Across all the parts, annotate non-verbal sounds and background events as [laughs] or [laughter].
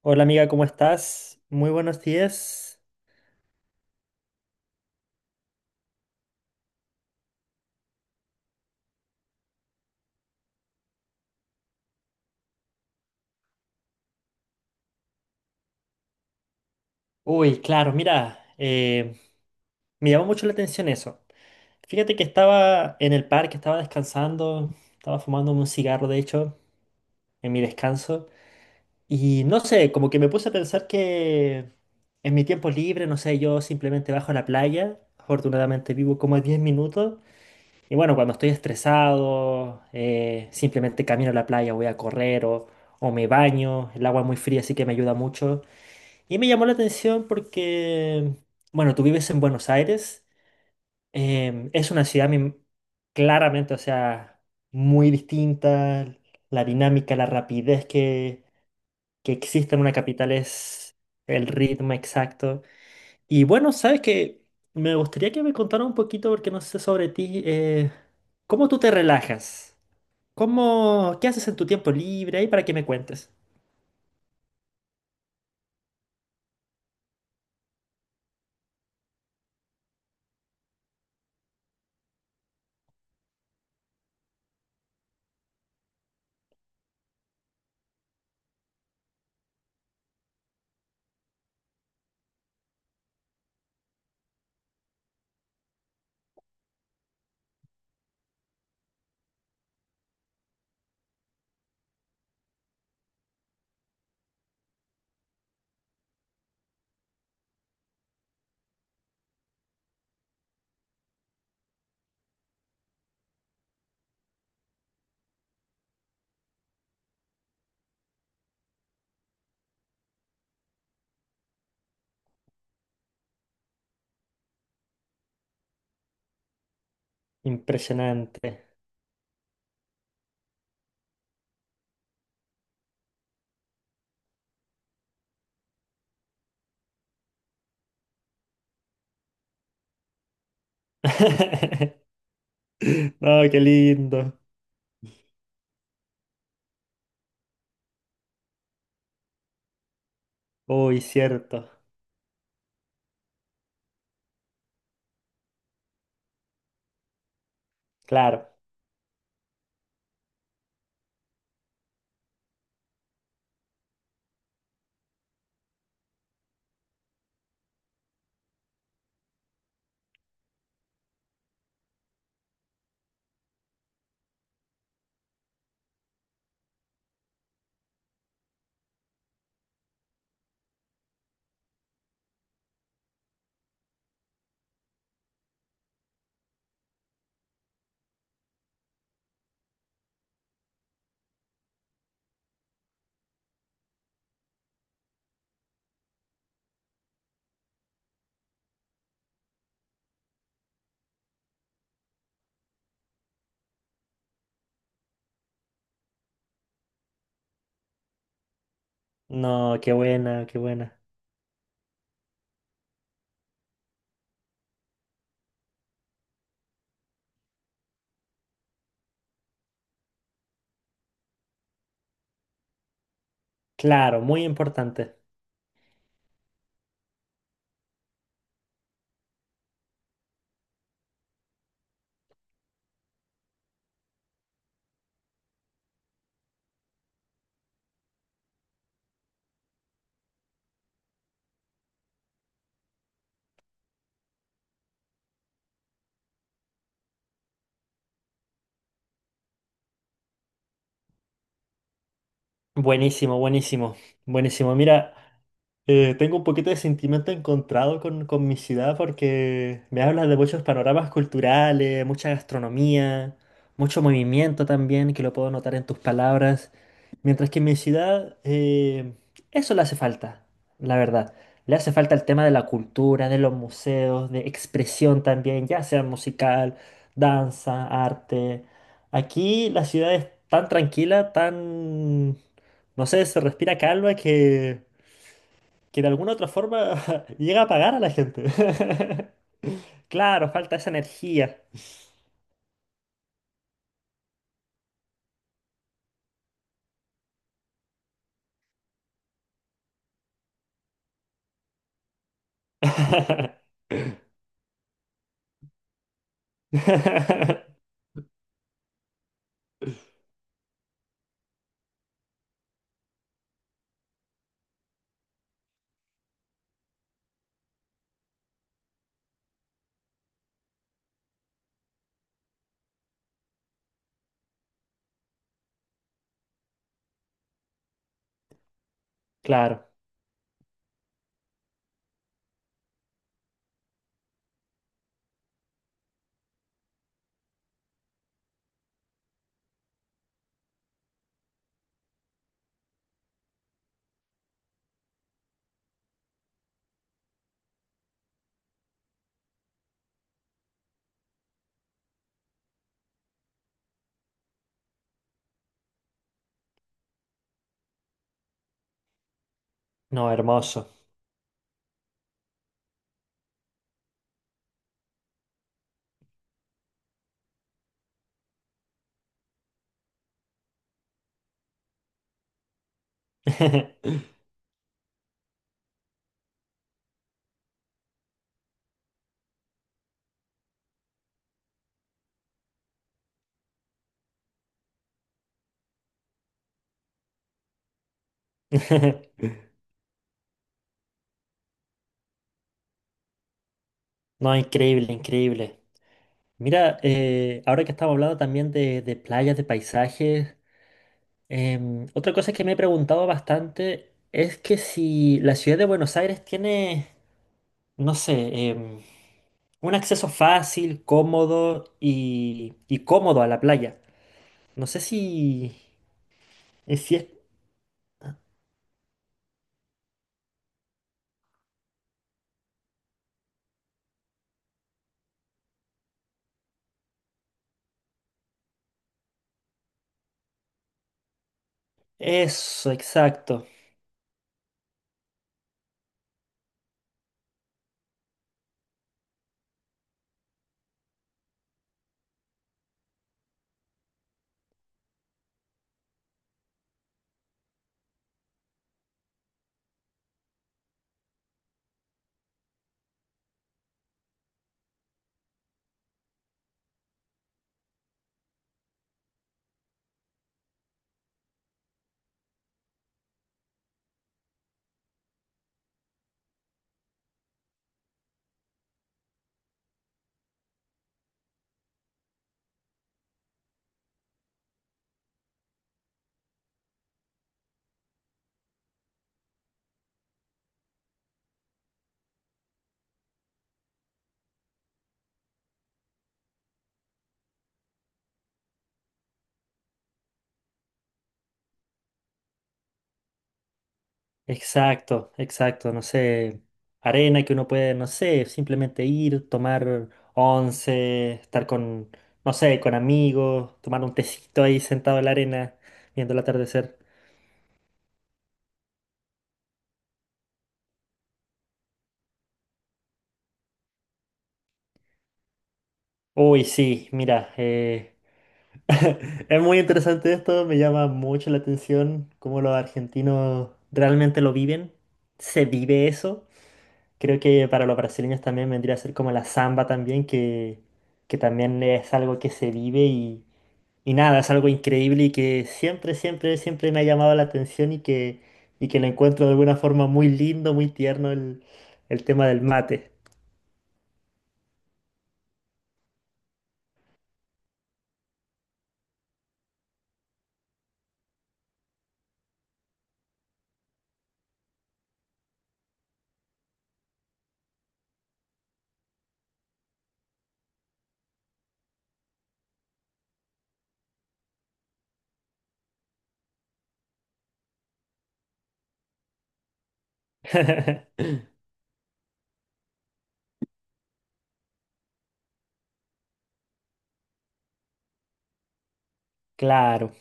Hola amiga, ¿cómo estás? Muy buenos días. Uy, claro, mira, me llamó mucho la atención eso. Fíjate que estaba en el parque, estaba descansando, estaba fumándome un cigarro, de hecho, en mi descanso. Y no sé, como que me puse a pensar que en mi tiempo libre, no sé, yo simplemente bajo a la playa. Afortunadamente vivo como a 10 minutos. Y bueno, cuando estoy estresado, simplemente camino a la playa, voy a correr o me baño. El agua es muy fría, así que me ayuda mucho. Y me llamó la atención porque, bueno, tú vives en Buenos Aires, es una ciudad claramente, o sea, muy distinta, la dinámica, la rapidez que existe en una capital es el ritmo exacto. Y bueno, sabes que me gustaría que me contara un poquito, porque no sé sobre ti, ¿cómo tú te relajas? ¿Cómo, qué haces en tu tiempo libre? Ahí para que me cuentes. Impresionante. [laughs] No, qué lindo. Uy, cierto. Claro. No, qué buena, qué buena. Claro, muy importante. Buenísimo, buenísimo. Buenísimo. Mira. Tengo un poquito de sentimiento encontrado con mi ciudad porque me habla de muchos panoramas culturales, mucha gastronomía, mucho movimiento también, que lo puedo notar en tus palabras. Mientras que en mi ciudad eso le hace falta, la verdad. Le hace falta el tema de la cultura, de los museos, de expresión también, ya sea musical, danza, arte. Aquí la ciudad es tan tranquila, tan, no sé, se respira calma que de alguna otra forma [laughs] llega a pagar a la gente. [laughs] Claro, falta esa energía. [laughs] Claro, no, hermoso. [laughs] No, increíble, increíble. Mira, ahora que estamos hablando también de playas, de paisajes, otra cosa que me he preguntado bastante es que si la ciudad de Buenos Aires tiene, no sé, em, un acceso fácil, cómodo y cómodo a la playa. No sé si, es, si es eso, exacto, exacto, exacto, no sé, arena que uno puede, no sé, simplemente ir, tomar once, estar con, no sé, con amigos, tomar un tecito ahí sentado en la arena, viendo el atardecer. Uy, sí, mira, [laughs] es muy interesante esto, me llama mucho la atención cómo los argentinos realmente lo viven, se vive eso. Creo que para los brasileños también vendría a ser como la samba también, que también es algo que se vive y nada, es algo increíble y que siempre, siempre, siempre me ha llamado la atención y que lo encuentro de alguna forma muy lindo, muy tierno el tema del mate. [laughs] Claro.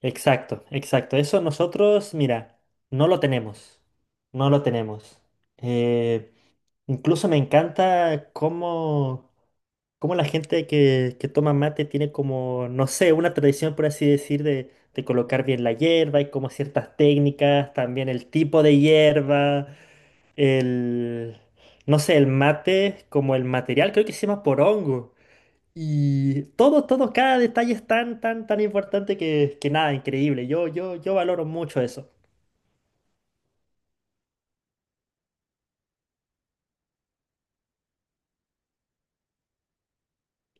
Exacto, exacto. Eso nosotros, mira, no lo tenemos. No lo tenemos. Eh, incluso me encanta cómo, cómo la gente que toma mate tiene como, no sé, una tradición, por así decir, de colocar bien la hierba y como ciertas técnicas, también el tipo de hierba, el, no sé, el mate como el material, creo que se llama porongo. Y todo, todo, cada detalle es tan, tan, tan importante que nada, increíble. Yo valoro mucho eso.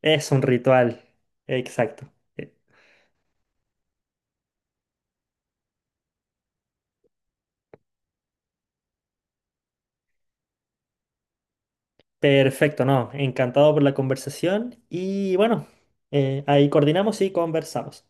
Es un ritual. Exacto. Eh, perfecto, no. Encantado por la conversación. Y bueno, ahí coordinamos y conversamos.